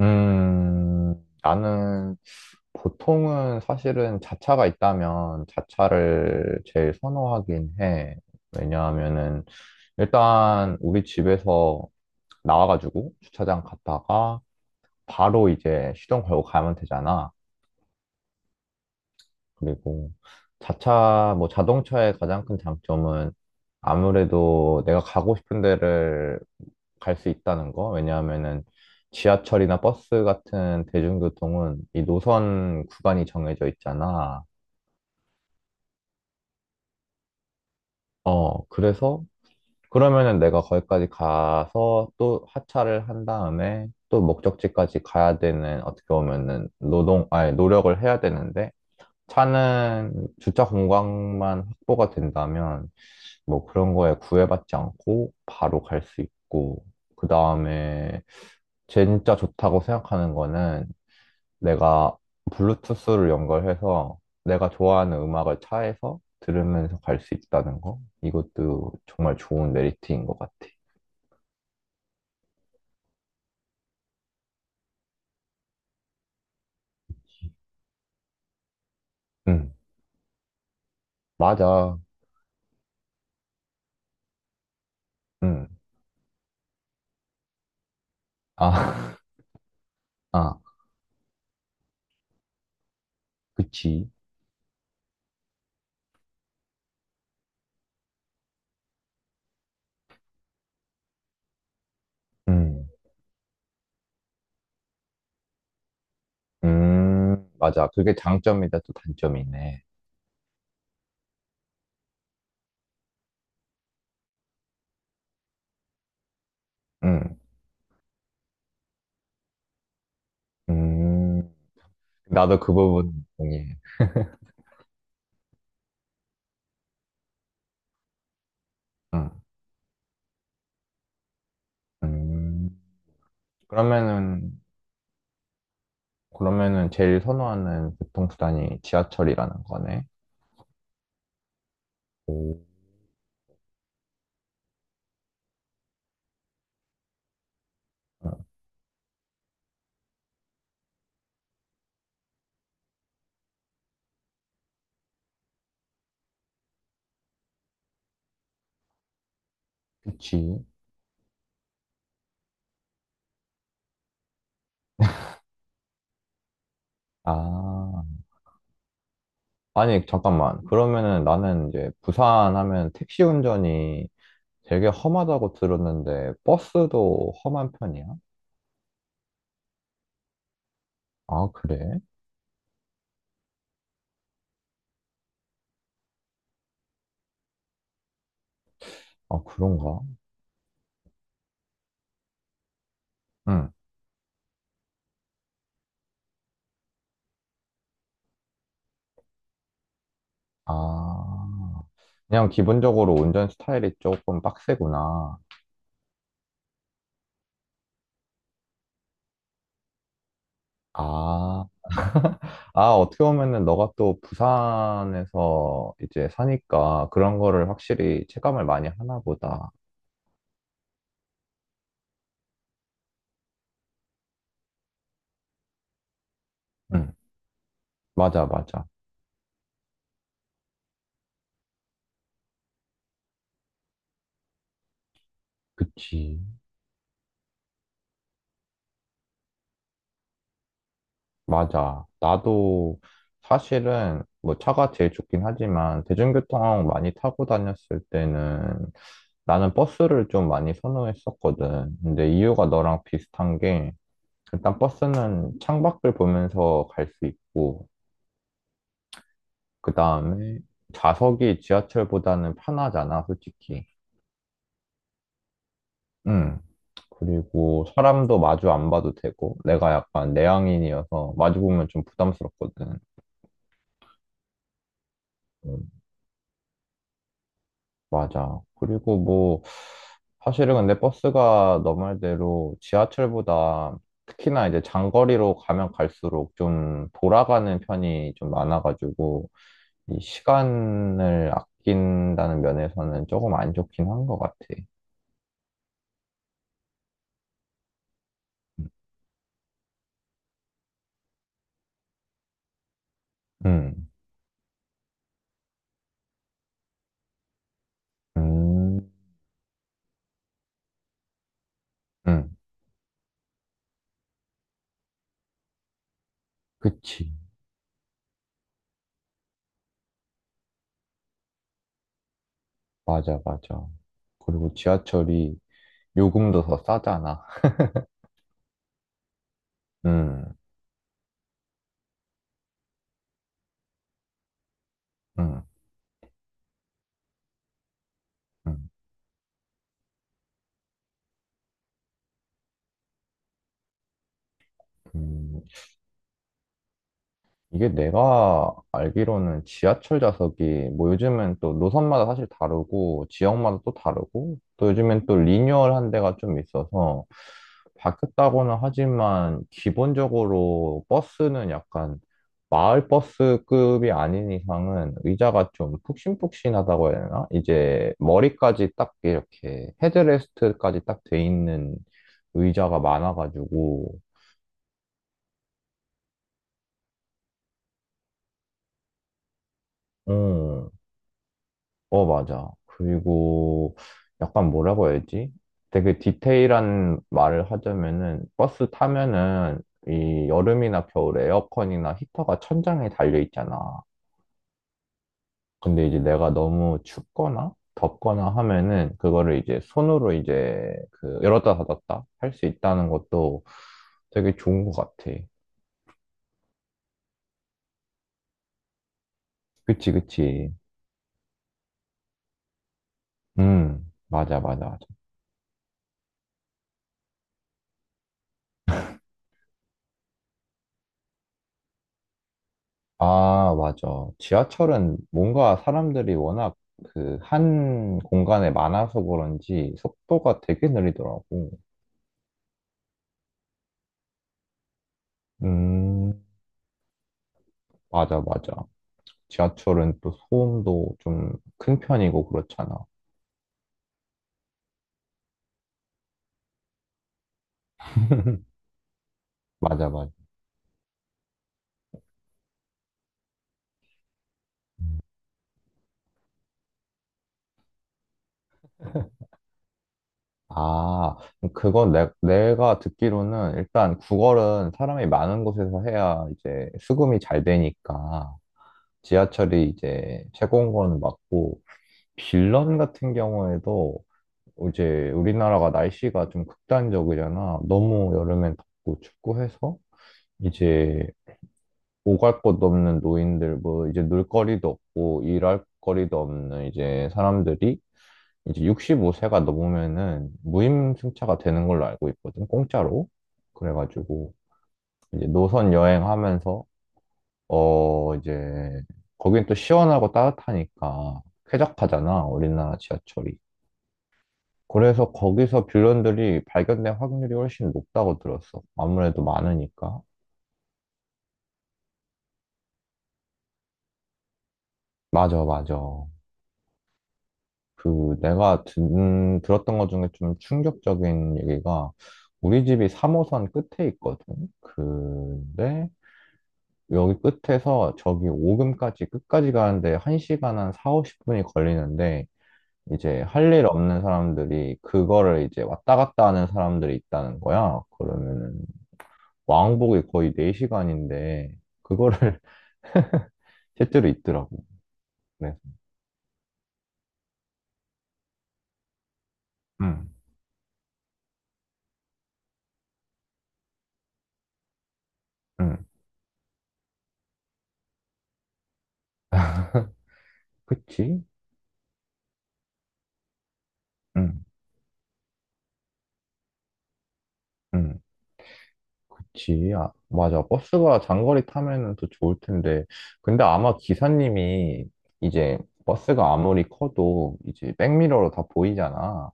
음, 나는 보통은 사실은 자차가 있다면 자차를 제일 선호하긴 해. 왜냐하면은 일단 우리 집에서 나와가지고 주차장 갔다가 바로 이제 시동 걸고 가면 되잖아. 그리고 자차, 뭐 자동차의 가장 큰 장점은 아무래도 내가 가고 싶은 데를 갈 수 있다는 거. 왜냐하면은 지하철이나 버스 같은 대중교통은 이 노선 구간이 정해져 있잖아. 어, 그래서 그러면은 내가 거기까지 가서 또 하차를 한 다음에 또 목적지까지 가야 되는 어떻게 보면은 노동, 아니, 노력을 해야 되는데 차는 주차 공간만 확보가 된다면 뭐 그런 거에 구애받지 않고 바로 갈 수 있고, 그 다음에 진짜 좋다고 생각하는 거는 내가 블루투스를 연결해서 내가 좋아하는 음악을 차에서 들으면서 갈 수 있다는 거. 이것도 정말 좋은 메리트인 것 같아. 응, 맞아. 응, 아, 아, 그치. 응, 맞아. 그게 장점이다, 또 단점이네. 응, 음, 나도 그 부분 동의해. 응. 음, 그러면은, 그러면은 제일 선호하는 교통수단이 지하철이라는 거네. 오, 어, 그치. 아, 아니, 잠깐만. 그러면은 나는 이제 부산 하면 택시 운전이 되게 험하다고 들었는데, 버스도 험한 편이야? 아, 그래? 아, 그런가? 응. 아, 그냥 기본적으로 운전 스타일이 조금 빡세구나. 아, 아, 어떻게 보면은 너가 또 부산에서 이제 사니까 그런 거를 확실히 체감을 많이 하나 보다. 응, 맞아, 맞아. 그치. 맞아. 나도 사실은 뭐 차가 제일 좋긴 하지만 대중교통 많이 타고 다녔을 때는 나는 버스를 좀 많이 선호했었거든. 근데 이유가 너랑 비슷한 게 일단 버스는 창밖을 보면서 갈 수 있고 그 다음에 좌석이 지하철보다는 편하잖아, 솔직히. 음. 그리고 사람도 마주 안 봐도 되고, 내가 약간 내향인이어서 마주 보면 좀 부담스럽거든. 음. 맞아. 그리고 뭐, 사실은 근데 버스가 너 말대로 지하철보다 특히나 이제 장거리로 가면 갈수록 좀 돌아가는 편이 좀 많아가지고, 이 시간을 아낀다는 면에서는 조금 안 좋긴 한 것 같아. 음, 음. 응, 그치. 맞아, 맞아. 그리고 지하철이 요금도 더 싸잖아. 응, 응, 응, 응. 이게 내가 알기로는 지하철 좌석이 뭐 요즘은 또 노선마다 사실 다르고 지역마다 또 다르고 또 요즘엔 또 리뉴얼한 데가 좀 있어서 바뀌었다고는 하지만 기본적으로 버스는 약간 마을 버스급이 아닌 이상은 의자가 좀 푹신푹신하다고 해야 되나? 이제 머리까지 딱 이렇게 헤드레스트까지 딱 돼 있는 의자가 많아가지고 음. 어, 맞아. 그리고 약간 뭐라고 해야지? 되게 디테일한 말을 하자면은 버스 타면은 이 여름이나 겨울에 에어컨이나 히터가 천장에 달려 있잖아. 근데 이제 내가 너무 춥거나 덥거나 하면은 그거를 이제 손으로 이제 그 열었다 닫았다 할 수 있다는 것도 되게 좋은 것 같아. 그치, 그치. 음, 맞아, 맞아. 아, 맞아. 지하철은 뭔가 사람들이 워낙 그 한 공간에 많아서 그런지 속도가 되게 느리더라고. 음, 맞아, 맞아. 지하철은 또 소음도 좀 큰 편이고 그렇잖아. 맞아, 맞아. 아, 그건 내가 듣기로는 일단 구걸은 사람이 많은 곳에서 해야 이제 수금이 잘 되니까 지하철이 이제 최고인 건 맞고 빌런 같은 경우에도 이제 우리나라가 날씨가 좀 극단적이잖아. 너무 여름엔 덥고 춥고 해서 이제 오갈 곳도 없는 노인들, 뭐 이제 놀 거리도 없고 일할 거리도 없는 이제 사람들이 이제 65세가 넘으면은 무임승차가 되는 걸로 알고 있거든. 공짜로. 그래가지고 이제 노선 여행하면서 어 이제 거긴 또 시원하고 따뜻하니까 쾌적하잖아. 우리나라 지하철이. 그래서 거기서 빌런들이 발견될 확률이 훨씬 높다고 들었어. 아무래도 많으니까. 맞아, 맞아. 그 내가 듣 들었던 것 중에 좀 충격적인 얘기가 우리 집이 3호선 끝에 있거든. 근데 여기 끝에서 저기 오금까지 끝까지 가는데 1시간 한 4, 50분이 걸리는데 이제 할 일 없는 사람들이 그거를 이제 왔다 갔다 하는 사람들이 있다는 거야. 그러면은 왕복이 거의 4시간인데 그거를 실제로 있더라고. 네. 응, 응, 그치? 응, 응. 그치. 아, 맞아. 버스가 장거리 타면은 더 좋을 텐데. 근데 아마 기사님이 이제 버스가 아무리 커도 이제 백미러로 다 보이잖아.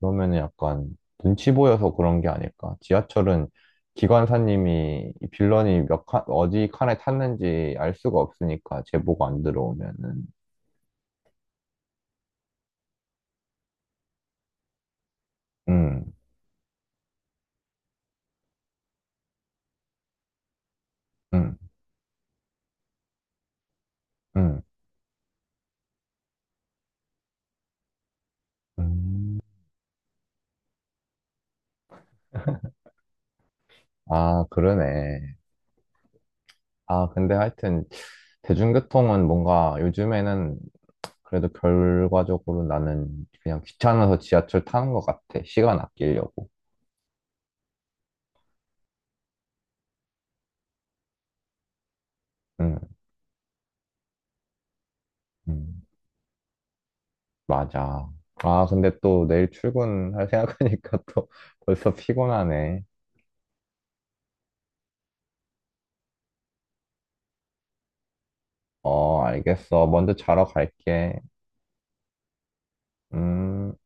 그러면은 약간 눈치 보여서 그런 게 아닐까. 지하철은 기관사님이 이 빌런이 몇 칸, 어디 칸에 탔는지 알 수가 없으니까 제보가 안 들어오면은. 응, 응, 응, 응. 아, 그러네. 아, 근데 하여튼 대중교통은 뭔가 요즘에는 그래도 결과적으로 나는 그냥 귀찮아서 지하철 타는 것 같아. 시간 아끼려고. 응, 응, 맞아. 아, 근데 또 내일 출근할 생각하니까 또 벌써 피곤하네. 어, 알겠어. 먼저 자러 갈게. 음.